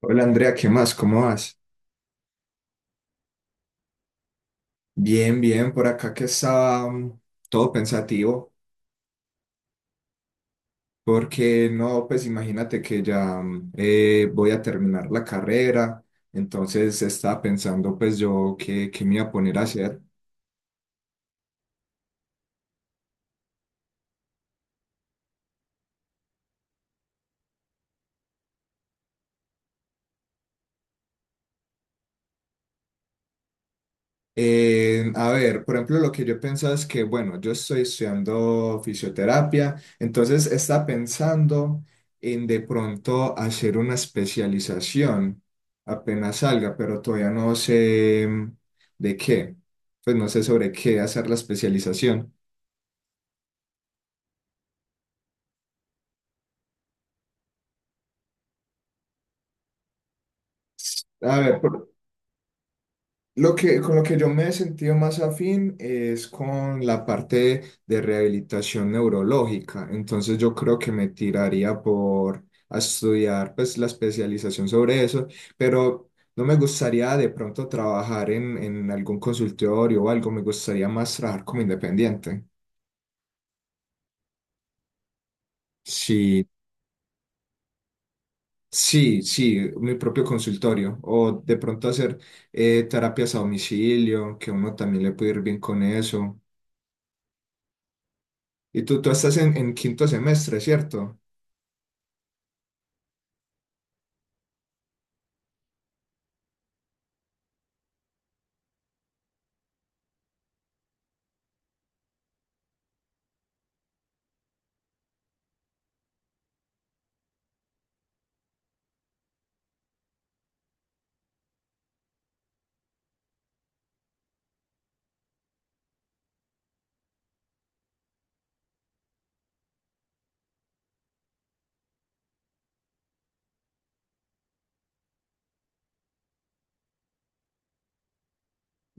Hola Andrea, ¿qué más? ¿Cómo vas? Bien, bien, por acá que estaba todo pensativo, porque no, pues imagínate que ya voy a terminar la carrera, entonces estaba pensando pues yo qué me iba a poner a hacer. A ver, por ejemplo, lo que yo pensaba es que, bueno, yo estoy estudiando fisioterapia, entonces está pensando en de pronto hacer una especialización apenas salga, pero todavía no sé de qué, pues no sé sobre qué hacer la especialización. A ver, con lo que yo me he sentido más afín es con la parte de rehabilitación neurológica. Entonces yo creo que me tiraría por a estudiar pues la especialización sobre eso, pero no me gustaría de pronto trabajar en algún consultorio o algo, me gustaría más trabajar como independiente. Sí, sí, sí, mi propio consultorio o de pronto hacer terapias a domicilio, que uno también le puede ir bien con eso. Y tú estás en quinto semestre, ¿cierto?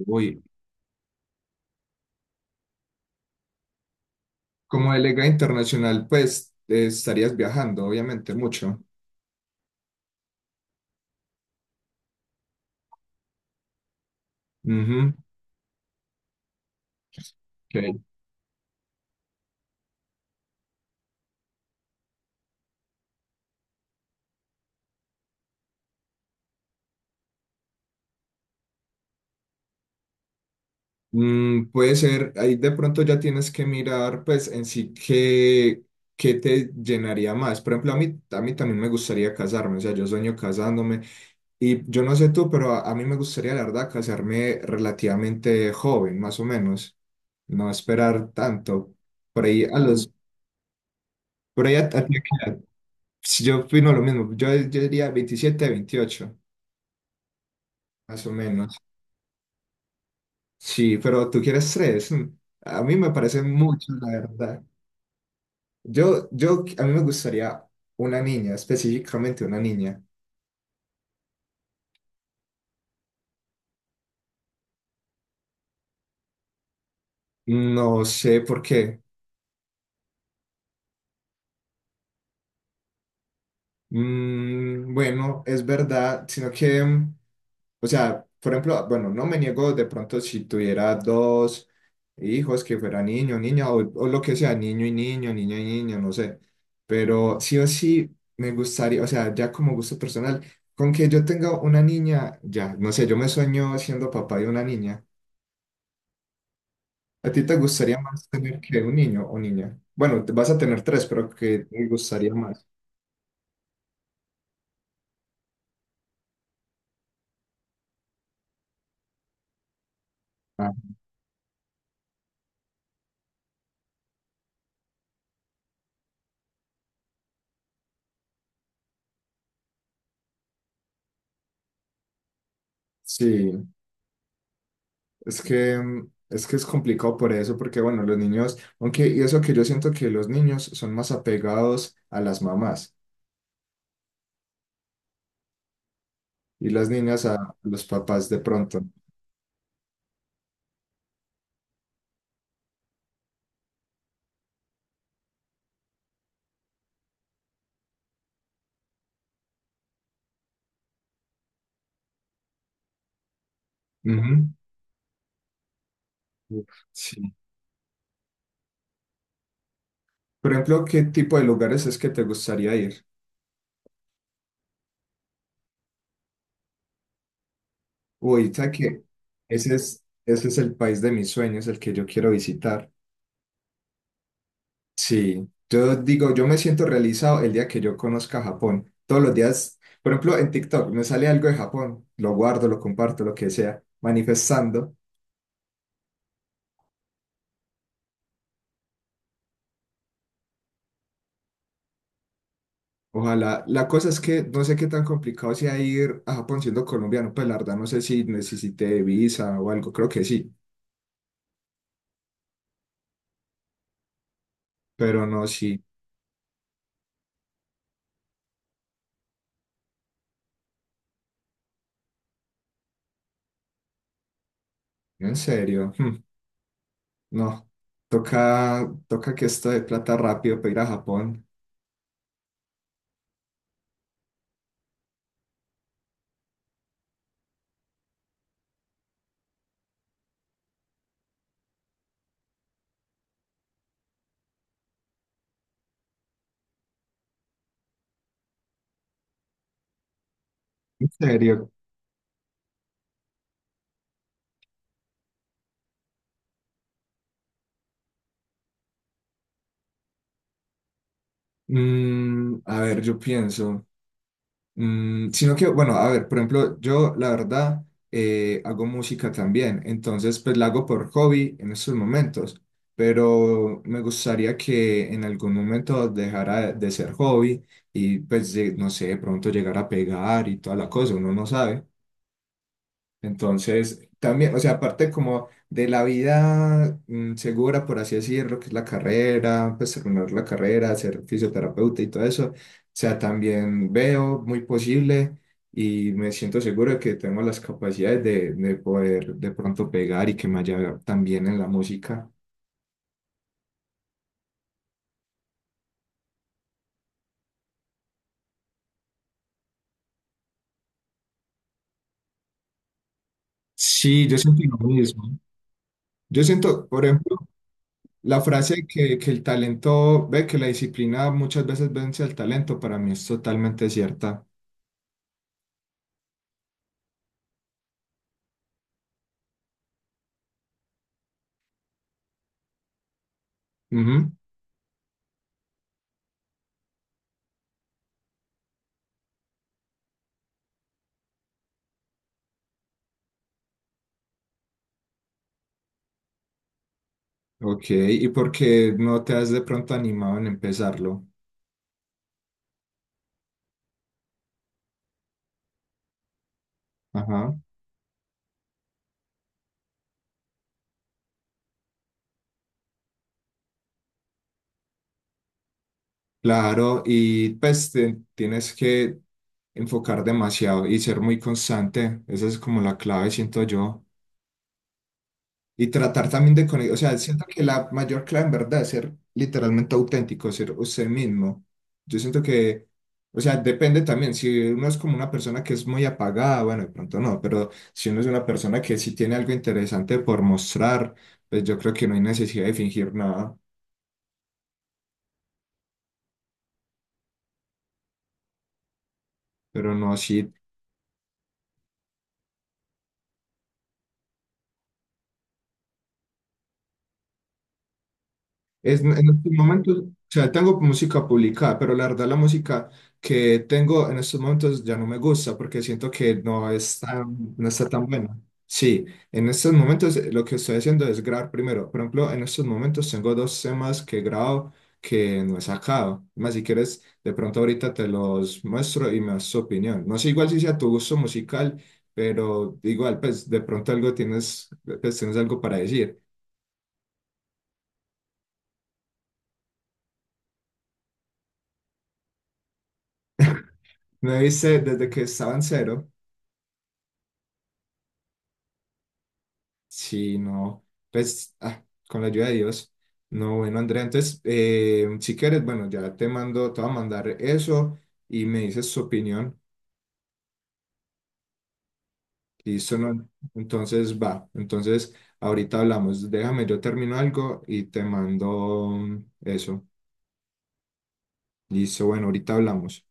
Uy, como delegado internacional, pues estarías viajando, obviamente, mucho. Ujú, ok. Puede ser, ahí de pronto ya tienes que mirar, pues en sí, qué, qué te llenaría más. Por ejemplo, a mí también me gustaría casarme, o sea, yo sueño casándome. Y yo no sé tú, pero a mí me gustaría, la verdad, casarme relativamente joven, más o menos. No esperar tanto. Por ahí a los, por ahí a ti, ¿a qué edad? Sí, yo opino lo mismo, yo diría 27, 28 más o menos. Sí, pero tú quieres tres. Mm. A mí me parece mucho, la verdad. A mí me gustaría una niña, específicamente una niña. No sé por qué. Bueno, es verdad, sino que, o sea, por ejemplo, bueno, no me niego de pronto si tuviera dos hijos que fuera niño, niña, o lo que sea, niño y niño, niña y niño, no sé, pero sí o sí me gustaría, o sea, ya como gusto personal, con que yo tenga una niña, ya, no sé, yo me sueño siendo papá de una niña. ¿A ti te gustaría más tener que un niño o niña? Bueno, vas a tener tres, pero ¿qué te gustaría más? Ah, sí. Es que es complicado por eso, porque bueno, los niños, aunque, y eso que yo siento que los niños son más apegados a las mamás y las niñas a los papás de pronto. Ujú. Uf, sí. Por ejemplo, ¿qué tipo de lugares es que te gustaría ir? Uy, ¿sabes qué? Ese es el país de mis sueños, el que yo quiero visitar. Sí, yo digo, yo me siento realizado el día que yo conozca Japón. Todos los días, por ejemplo, en TikTok me sale algo de Japón, lo guardo, lo comparto, lo que sea, manifestando. Ojalá, la cosa es que no sé qué tan complicado sea ir a Japón siendo colombiano, pues la verdad no sé si necesité visa o algo, creo que sí, pero no, sí, en serio, no, toca que esto de plata rápido para ir a Japón, en serio. A ver, yo pienso. Sino que, bueno, a ver, por ejemplo, yo la verdad hago música también, entonces pues la hago por hobby en estos momentos, pero me gustaría que en algún momento dejara de ser hobby y pues no sé, de pronto llegar a pegar y toda la cosa, uno no sabe. Entonces, también, o sea, aparte como de la vida segura, por así decirlo, que es la carrera, pues terminar la carrera, ser fisioterapeuta y todo eso, o sea, también veo muy posible y me siento seguro de que tengo las capacidades de poder de pronto pegar y que me haya también en la música. Sí, yo siento lo mismo. Yo siento, por ejemplo, la frase que el talento ve, que la disciplina muchas veces vence al talento, para mí es totalmente cierta. Ujú. Ok, ¿y por qué no te has de pronto animado en empezarlo? Ajá, claro, y pues tienes que enfocar demasiado y ser muy constante, esa es como la clave, siento yo. Y tratar también de conectar, o sea, siento que la mayor clave en verdad es ser literalmente auténtico, ser usted mismo. Yo siento que, o sea, depende también, si uno es como una persona que es muy apagada, bueno, de pronto no, pero si uno es una persona que sí tiene algo interesante por mostrar, pues yo creo que no hay necesidad de fingir nada, pero no, sí. Es, en estos momentos, o sea, tengo música publicada, pero la verdad la música que tengo en estos momentos ya no me gusta porque siento que no está tan buena. Sí, en estos momentos lo que estoy haciendo es grabar primero. Por ejemplo, en estos momentos tengo dos temas que grabo que no he sacado. Más si quieres, de pronto ahorita te los muestro y me das tu opinión. No sé igual si sea tu gusto musical, pero igual, pues de pronto algo tienes, pues, tienes algo para decir. Me viste desde que estaba en cero. Sí, no, pues ah, con la ayuda de Dios. No, bueno, Andrea, entonces, si quieres, bueno, ya te mando, te voy a mandar eso y me dices tu opinión. Listo, ¿no? Entonces, va. Entonces, ahorita hablamos. Déjame, yo termino algo y te mando eso. Listo, bueno, ahorita hablamos.